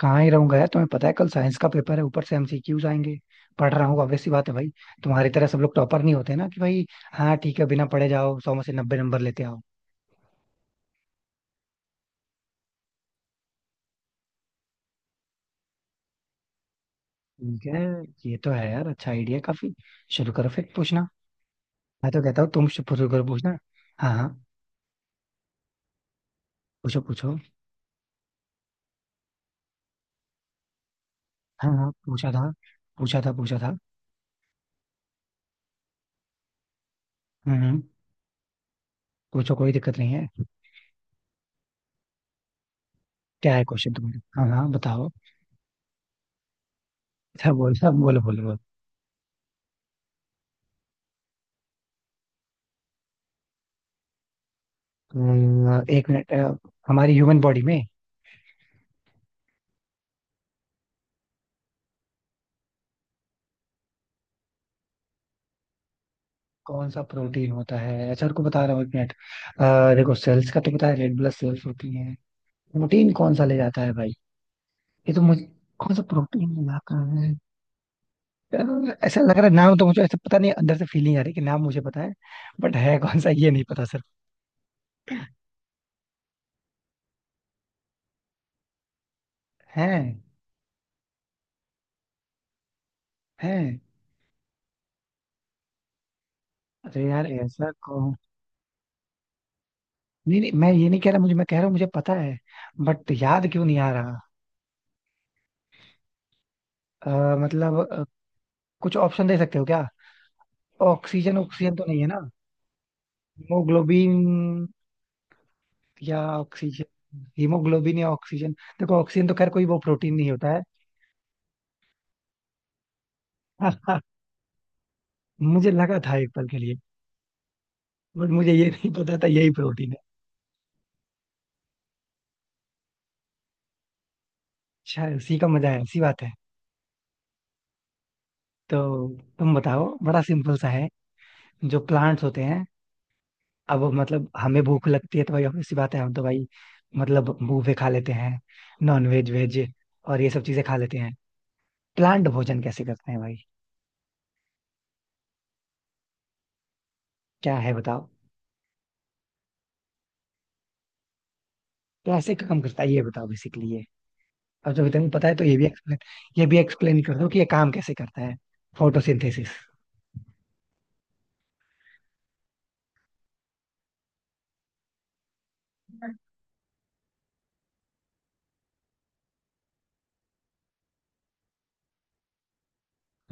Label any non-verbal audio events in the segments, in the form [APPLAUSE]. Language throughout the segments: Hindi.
कहाँ ही रहूंगा यार। तुम्हें पता है कल साइंस का पेपर है, ऊपर से एमसीक्यूज आएंगे। पढ़ रहा हूँ, obvious सी बात है भाई। तुम्हारी तरह सब लोग टॉपर नहीं होते ना कि भाई। हाँ ठीक है, बिना पढ़े जाओ सौ में से नब्बे नंबर लेते आओ। ठीक है। ये तो है यार, अच्छा आइडिया काफी। शुरू करो फिर पूछना। मैं तो कहता हूँ तुम शुरू करो पूछना। हाँ हाँ। पूछो पूछो। हाँ हाँ, पूछा था, पूछा था पूछा था। हम्म हम्म, पूछो, कोई दिक्कत नहीं है। क्या है क्वेश्चन तुम्हारा? हाँ हाँ बताओ। अच्छा बोलो बोलो बोलो बोलो। एक मिनट। हमारी ह्यूमन बॉडी में। कौन सा प्रोटीन होता है? अच्छा रुको बता रहा हूँ एक मिनट। देखो सेल्स का तो पता है, रेड ब्लड सेल्स होती है। प्रोटीन कौन सा ले जाता है भाई? ये तो मुझे। कौन सा प्रोटीन ले जाता है? यार, ऐसा लग रहा है नाम तो मुझे, ऐसा पता नहीं। अंदर से फीलिंग आ रही है कि नाम मुझे पता है, बट है कौन सा ये नहीं पता सिर्फ। है। है। अरे यार ऐसा कौन। नहीं नहीं, मैं ये नहीं कह रहा मुझे, मैं कह रहा हूँ मुझे पता है, बट याद क्यों नहीं आ रहा। मतलब कुछ ऑप्शन दे सकते हो क्या? ऑक्सीजन, ऑक्सीजन तो नहीं है ना? हीमोग्लोबिन या ऑक्सीजन हीमोग्लोबिन या ऑक्सीजन देखो ऑक्सीजन तो खैर कोई वो प्रोटीन नहीं होता है। मुझे लगा था एक पल के लिए। बट मुझे ये नहीं पता था यही प्रोटीन है। शायद उसी का मजा है, उसी बात है। तो तुम बताओ, बड़ा सिंपल सा है। जो प्लांट्स होते हैं। अब मतलब हमें भूख लगती है तो भाई obvious सी बात है, हम तो भाई मतलब बूफे खा लेते हैं, नॉन वेज वेज और ये सब चीजें खा लेते हैं। प्लांट भोजन कैसे करते हैं भाई? क्या है बताओ। कैसे काम करता है ये बताओ बेसिकली। अब जब इतना पता है तो ये भी एक्सप्लेन कर दो कि ये काम कैसे करता है, फोटोसिंथेसिस।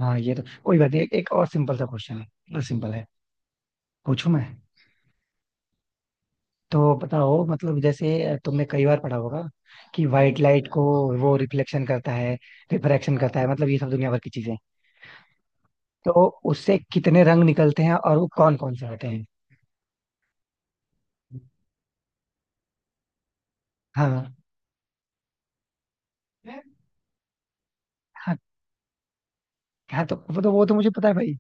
हाँ ये तो कोई बात नहीं, एक एक और सिंपल सा क्वेश्चन है, बस सिंपल है। पूछूं मैं? तो बताओ, मतलब जैसे तुमने कई बार पढ़ा होगा कि व्हाइट लाइट को वो रिफ्लेक्शन करता है, रिफ्रैक्शन करता है, मतलब ये सब दुनिया भर की चीजें। तो उससे कितने रंग निकलते हैं और वो कौन कौन से होते हैं? हाँ हाँ। हाँ वो तो मुझे पता है भाई।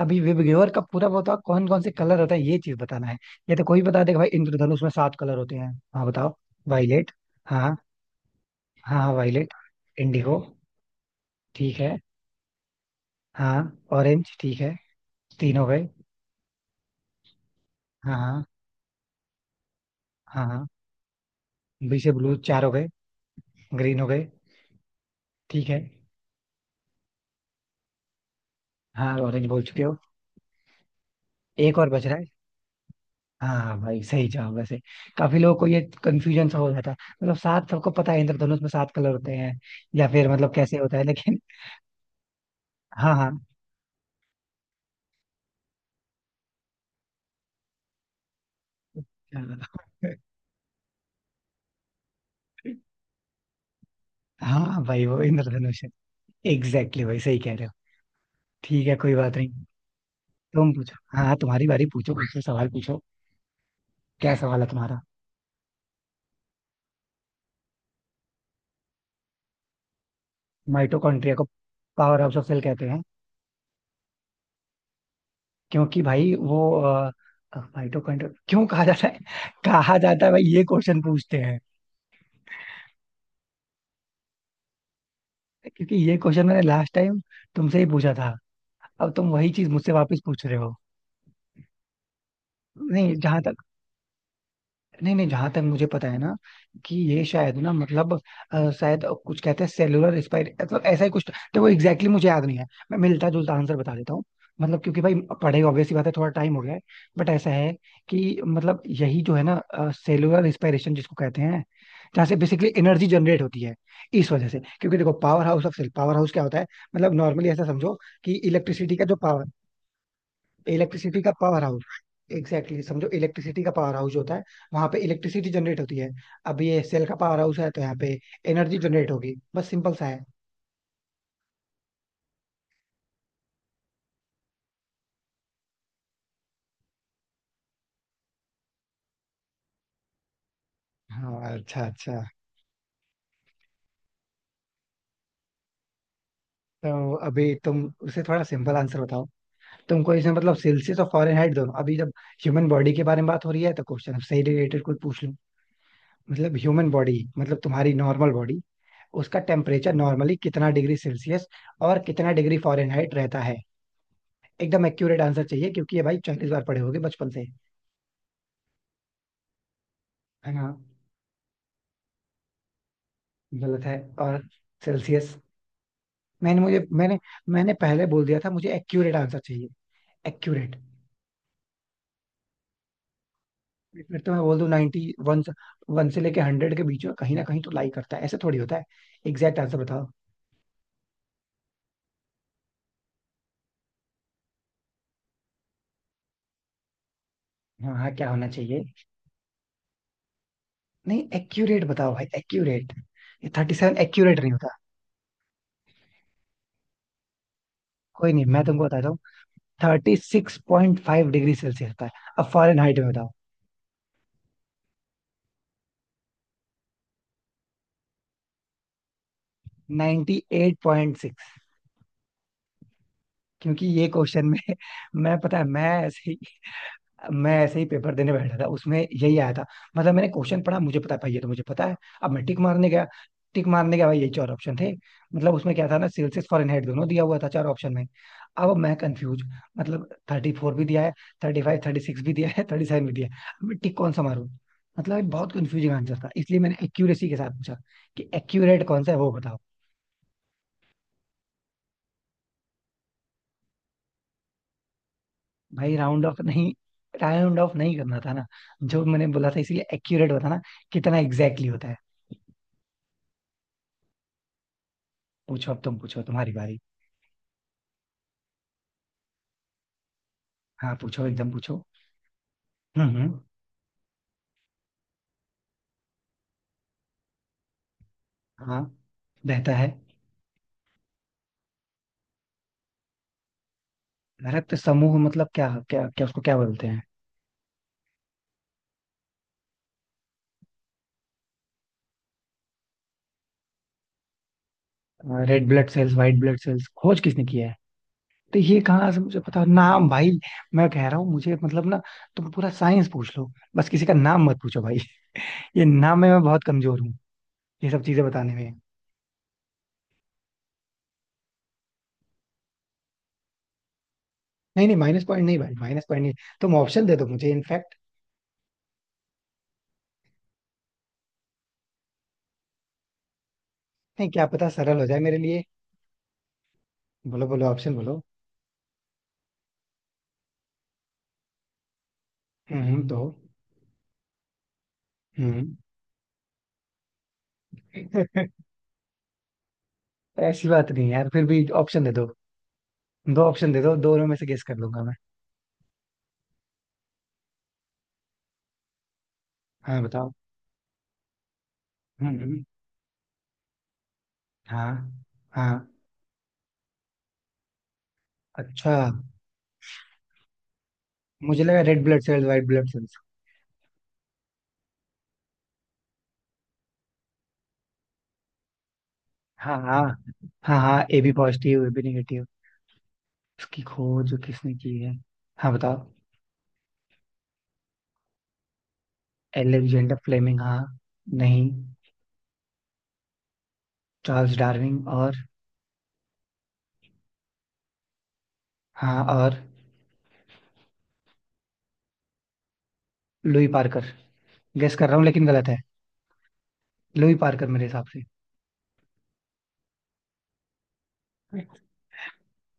अभी विवग्योर का पूरा वो था, कौन कौन से कलर होता है ये चीज बताना है। ये तो कोई बता देगा भाई, इंद्रधनुष में सात कलर होते हैं। हाँ बताओ। वायलेट। हाँ हाँ, हाँ वायलेट। इंडिगो। ठीक है। हाँ ऑरेंज ठीक है। तीन हो गए। हाँ हाँ। हाँ हाँ। बी से ब्लू, चार हो गए। ग्रीन हो गए। ठीक है। हाँ ऑरेंज बोल चुके हो। एक और बच रहा है। हाँ हाँ, भाई सही जवाब वैसे, काफी लोगों को ये कंफ्यूजन सा हो जाता है। मतलब सात सबको पता है इंद्रधनुष में सात कलर होते हैं, या फिर मतलब कैसे होता है लेकिन। हाँ हाँ। क्या था? [LAUGHS] हाँ भाई वो इंद्रधनुष है। एग्जैक्टली भाई सही कह रहे हो। ठीक है कोई बात नहीं। तुम पूछो। हाँ हाँ, तुम्हारी बारी, पूछो मुझसे सवाल पूछो। क्या सवाल है तुम्हारा? माइटोकॉन्ड्रिया को पावर हाउस ऑफ सेल कहते हैं। क्योंकि भाई वो माइटोकॉन्ड्रिया क्यों कहा जाता है [LAUGHS] कहा जाता है भाई, ये क्वेश्चन पूछते हैं। क्योंकि ये क्वेश्चन मैंने लास्ट टाइम तुमसे ही पूछा था, अब तुम वही चीज मुझसे वापस पूछ रहे हो। नहीं जहां तक। नहीं नहीं, जहां तक मुझे पता है ना, कि ये शायद ना, मतलब शायद कुछ कहते हैं सेलुलर एक्सपायरी मतलब ऐसा ही कुछ, तो वो एग्जैक्टली exactly मुझे याद नहीं है, मैं मिलता जुलता आंसर बता देता हूँ। मतलब क्योंकि भाई पढ़े ऑब्वियस सी बात है, थोड़ा टाइम हो गया है। बट ऐसा है कि मतलब यही जो है ना सेलुलर रिस्पायरेशन जिसको कहते हैं, जहाँ से बेसिकली एनर्जी जनरेट होती है, इस वजह से। क्योंकि देखो powerhouse of cell, powerhouse क्या होता है? मतलब नॉर्मली ऐसा समझो कि इलेक्ट्रिसिटी का जो पावर। इलेक्ट्रिसिटी का पावर हाउस, एग्जैक्टली exactly, समझो इलेक्ट्रिसिटी का पावर हाउस होता है, वहां पे इलेक्ट्रिसिटी जनरेट होती है। अब ये सेल का पावर हाउस है तो यहाँ पे एनर्जी जनरेट होगी, बस सिंपल सा है। हाँ अच्छा अच्छा। तो अभी तुम उसे थोड़ा सिंपल आंसर बताओ। तुमको इसमें मतलब सेल्सियस और फॉरेनहाइट दोनों, अभी जब ह्यूमन बॉडी के बारे में बात हो रही है तो क्वेश्चन से रिलेटेड कोई पूछ लूं। मतलब ह्यूमन बॉडी मतलब तुम्हारी नॉर्मल बॉडी, उसका टेम्परेचर नॉर्मली कितना डिग्री सेल्सियस और कितना डिग्री फॉरेनहाइट रहता है? एकदम एक्यूरेट आंसर चाहिए, क्योंकि ये भाई चालीस बार पढ़े होगे बचपन से। हाँ। गलत है। और सेल्सियस। मैंने मुझे मैंने मैंने पहले बोल दिया था मुझे एक्यूरेट आंसर चाहिए, एक्यूरेट। फिर तो मैं बोल दूं 91 वन। वन से लेके हंड्रेड के बीच में कहीं ना कहीं तो लाई करता है, ऐसे थोड़ी होता है। एग्जैक्ट आंसर बताओ। हाँ हाँ क्या होना चाहिए? नहीं एक्यूरेट बताओ भाई एक्यूरेट, ये थर्टी सेवन एक्यूरेट नहीं होता। कोई नहीं, मैं तुमको बताता हूँ, thirty six point five degree Celsius होता है। अब फॉरेन हाइट में बताओ। Ninety eight point six. क्योंकि ये क्वेश्चन में [LAUGHS] मैं पता है मैं ऐसे ही पेपर देने बैठा था उसमें यही आया था। मतलब मैंने क्वेश्चन पढ़ा, मुझे पता है भाई, ये तो मुझे पता है। अब मैं टिक मारने गया, टिक मारने गया भाई यही चार ऑप्शन थे। मतलब उसमें क्या था ना, सेल्सियस फॉरेनहाइट दोनों दिया हुआ था चार ऑप्शन में। अब मैं कंफ्यूज, मतलब थर्टी फोर भी दिया है, थर्टी फाइव, थर्टी सिक्स भी दिया है, थर्टी सेवन भी दिया है। अब मैं टिक कौन सा मारूं? मतलब ये बहुत कंफ्यूजिंग आंसर था, इसलिए मैंने एक्यूरेसी के साथ पूछा कि एक्यूरेट कौन सा है वो बताओ। भाई राउंड ऑफ नहीं, राउंड ऑफ नहीं करना था ना जो मैंने बोला था, इसलिए एक्यूरेट बताना कितना एग्जैक्टली होता है। पूछो, अब तुम पूछो तुम्हारी बारी। हाँ पूछो एकदम पूछो। हम्म। हाँ। रहता है। रक्त समूह मतलब क्या क्या क्या, उसको क्या बोलते हैं? Red blood cells white blood cells खोज किसने किया है? तो ये कहाँ से मुझे पता नाम भाई। मैं कह रहा हूँ मुझे मतलब ना, तुम पूरा साइंस पूछ लो बस किसी का नाम मत पूछो भाई। [LAUGHS] ये नाम में मैं बहुत कमजोर हूँ ये सब चीजें बताने में। नहीं नहीं माइनस पॉइंट नहीं, भाई माइनस पॉइंट नहीं। तुम ऑप्शन दे दो मुझे इनफैक्ट। नहीं क्या पता सरल हो जाए मेरे लिए। बोलो बोलो ऑप्शन बोलो। दो। हम्म। [LAUGHS] ऐसी बात नहीं यार, फिर भी ऑप्शन दे दो, दो ऑप्शन दे दो, दोनों में से गेस कर लूंगा मैं। हाँ बताओ। हम्म हम्म, हम्म। हाँ। हाँ अच्छा। मुझे लगा red blood cells white blood cells. हाँ हाँ। हाँ हाँ, A B positive A B negative. इसकी खोज किसने की है? हाँ बताओ। एलेक्जेंडर फ्लेमिंग हाँ। नहीं। चार्ल्स डार्विन और। हाँ और। Louis Parker. गेस कर रहा हूँ लेकिन गलत है। लुई पार्कर मेरे हिसाब से।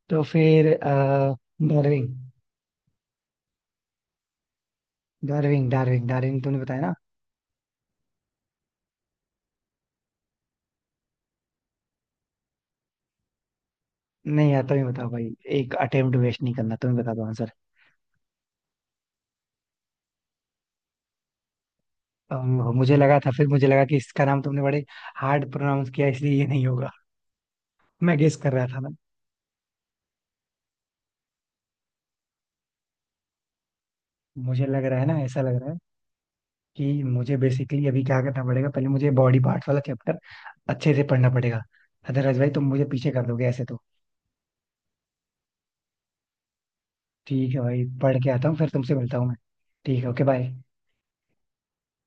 तो फिर डार्विन। डार्विन डार्विन, तुमने बताया ना। नहीं यार, तुम्हें बताओ भाई, एक अटेम्प्ट वेस्ट नहीं करना, तुम्हें बता दो आंसर। मुझे लगा था, फिर मुझे लगा कि इसका नाम तुमने बड़े हार्ड प्रोनाउंस किया इसलिए ये नहीं होगा, मैं गेस कर रहा था ना। मुझे लग रहा है ना, ऐसा लग रहा है कि मुझे बेसिकली अभी क्या करना पड़ेगा, पहले मुझे बॉडी पार्ट्स वाला चैप्टर अच्छे से पढ़ना पड़ेगा, अदरवाइज भाई तुम मुझे पीछे कर दोगे ऐसे तो। ठीक है भाई, पढ़ के आता हूँ फिर तुमसे मिलता हूँ मैं। ठीक है, ओके बाय।